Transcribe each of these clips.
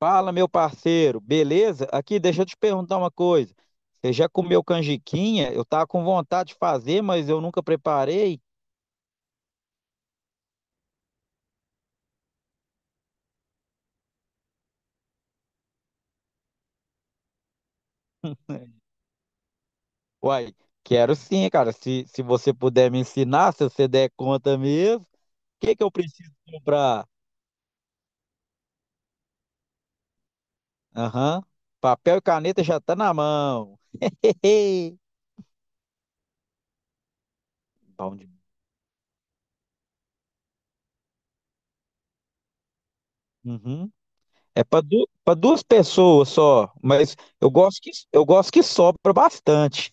Fala, meu parceiro, beleza? Aqui, deixa eu te perguntar uma coisa. Você já comeu canjiquinha? Eu tava com vontade de fazer, mas eu nunca preparei. Uai, quero sim, cara. Se você puder me ensinar, se você der conta mesmo, o que que eu preciso comprar? Aham, papel e caneta já tá na mão. Hehe. Bom demais. Uhum. É para duas pessoas só, mas eu gosto que sobra bastante.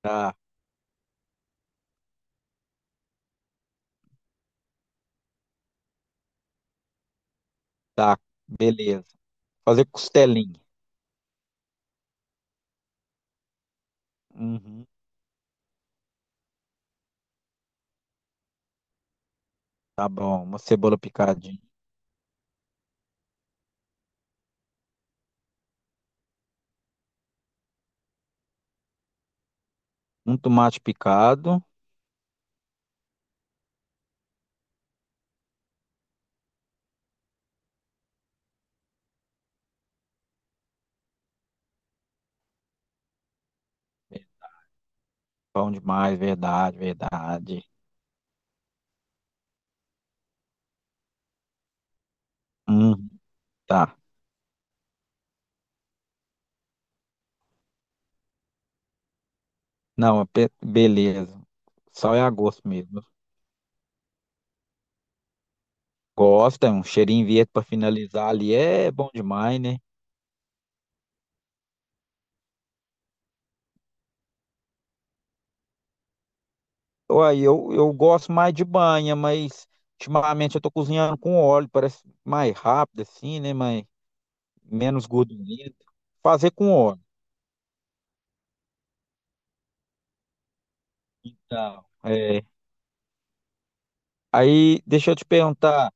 Tá, tá, beleza. Fazer costelinha. Uhum. Tá bom, uma cebola picadinha, um tomate picado. É bom demais, verdade, verdade. Uhum, tá. Não, é pe- beleza. Só é a gosto mesmo. Gosta, um cheirinho verde para finalizar ali é bom demais, né? Uai, eu gosto mais de banha, mas ultimamente eu tô cozinhando com óleo, parece mais rápido assim, né? Mas menos gordurento. Fazer com óleo. Então, é. Aí, deixa eu te perguntar.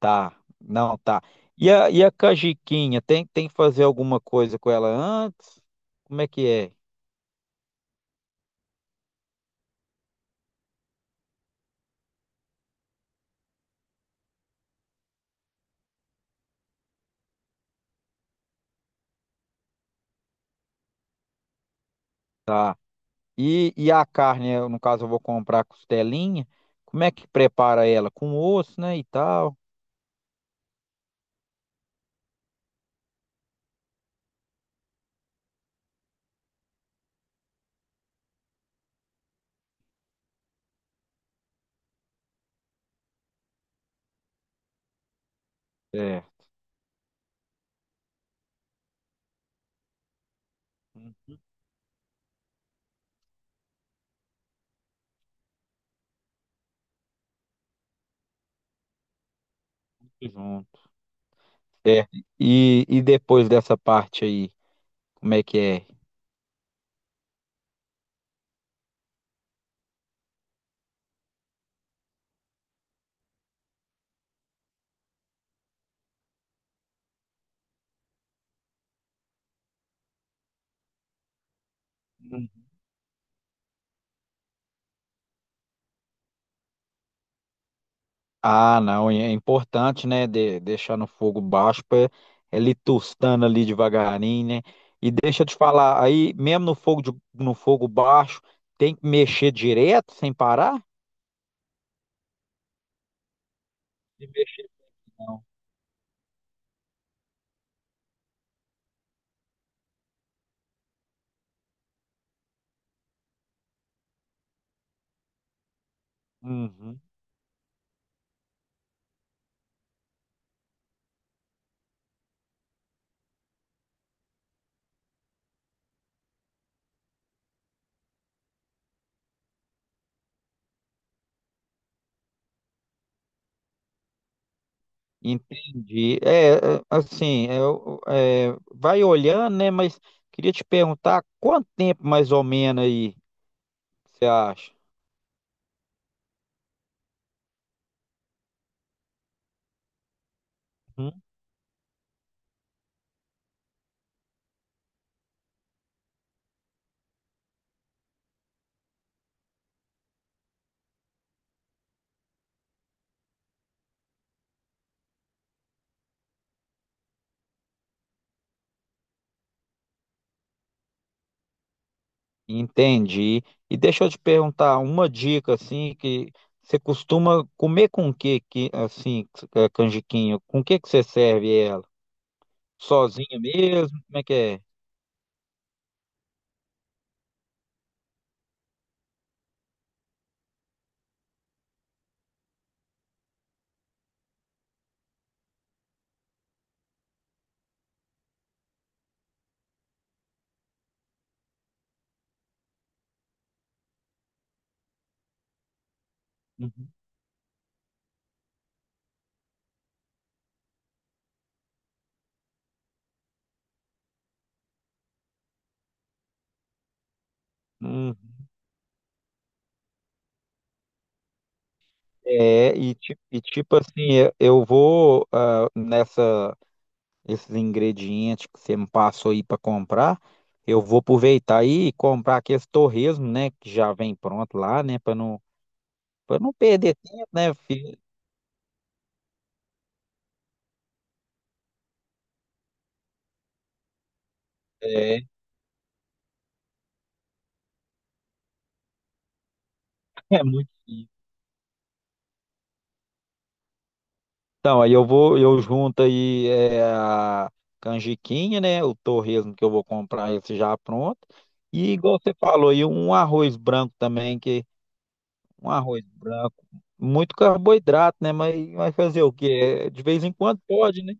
Tá, não, tá. E a cajiquinha tem, tem que fazer alguma coisa com ela antes? Como é que é? Tá. E a carne, eu, no caso, eu vou comprar costelinha. Como é que prepara ela? Com osso, né, e tal? Certo. Uhum, tudo junto. Certo. E depois dessa parte aí, como é que é? Ah, não, e é importante, né, de- deixar no fogo baixo para ele tostando ali devagarinho, né? E deixa eu te falar, aí mesmo no fogo de- no fogo baixo, tem que mexer direto sem parar? De mexer. Não. Uhum. Entendi. É, é, assim, eu, é, vai olhando, né, mas queria te perguntar quanto tempo mais ou menos aí você acha? Entendi. E deixa eu te perguntar uma dica assim que você costuma comer com o que que assim canjiquinho? Com o que que você serve ela? Sozinha mesmo? Como é que é? Uhum. Hum. É, e, ti- e tipo assim, eu vou nessa esses ingredientes que você me passou aí para comprar, eu vou aproveitar aí e comprar aqueles torresmo, né, que já vem pronto lá, né, para não perder tempo, né, filho? É, é muito Então, aí eu vou, eu junto aí é, a canjiquinha, né? O torresmo que eu vou comprar esse já pronto. E igual você falou aí, um arroz branco também, que um arroz branco, muito carboidrato, né? Mas vai fazer o quê? É, de vez em quando pode, né?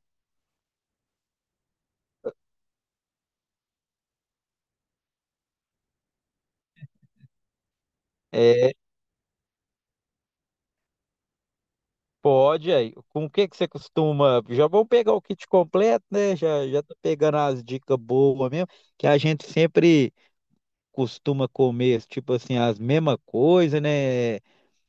É, pode aí. Com o que que você costuma? Já vou pegar o kit completo, né? Já, já tô pegando as dicas boas mesmo, que a gente sempre costuma comer, tipo assim, as mesmas coisas, né?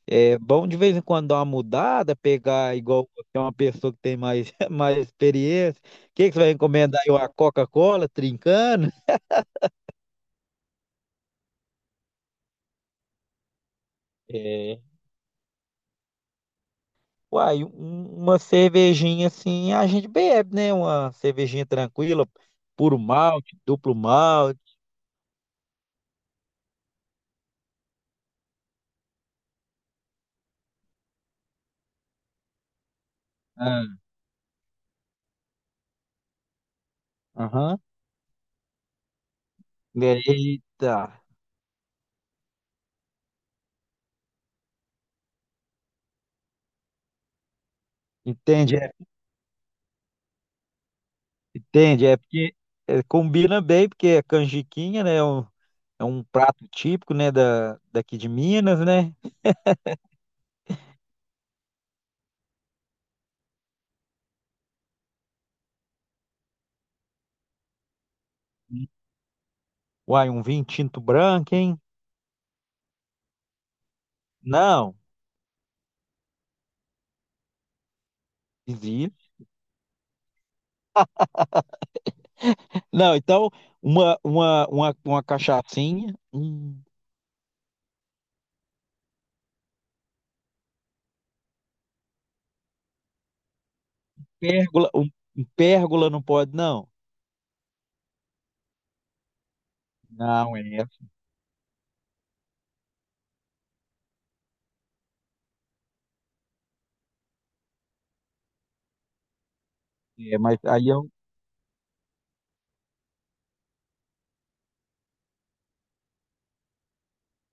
É bom de vez em quando dar uma mudada, pegar igual você é uma pessoa que tem mais, mais experiência. O que, que você vai encomendar aí? Uma Coca-Cola trincando? É. Uai, um- uma cervejinha assim a gente bebe, né? Uma cervejinha tranquila, puro malte, duplo malte. Ah, aham. Eita, entende? É, entende? É porque é, combina bem, porque é canjiquinha, né? É um prato típico, né? Da, daqui de Minas, né? Uai, um vinho tinto branco, hein? Não, dizia. Não, então, uma cachaçinha, um pérgola, um pérgola não pode, não. Não, é, é, mas aí é um-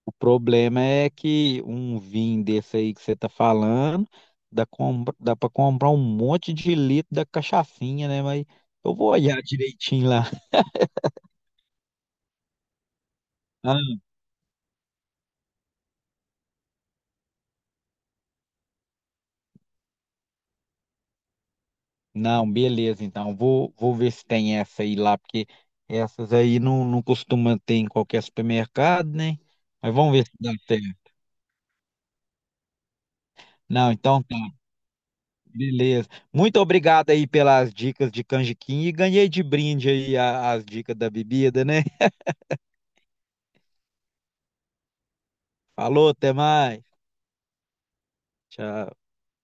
o problema é que um vinho desse aí que você tá falando, dá, compra, dá para comprar um monte de litro da cachaçinha, né? Mas eu vou olhar direitinho lá. Não, beleza, então. Vou, vou ver se tem essa aí lá, porque essas aí não, não costuma ter em qualquer supermercado, né? Mas vamos ver se dá certo. Não, então tá, beleza. Muito obrigado aí pelas dicas de canjiquinha e ganhei de brinde aí a- as dicas da bebida, né? Falou, até mais. Tchau.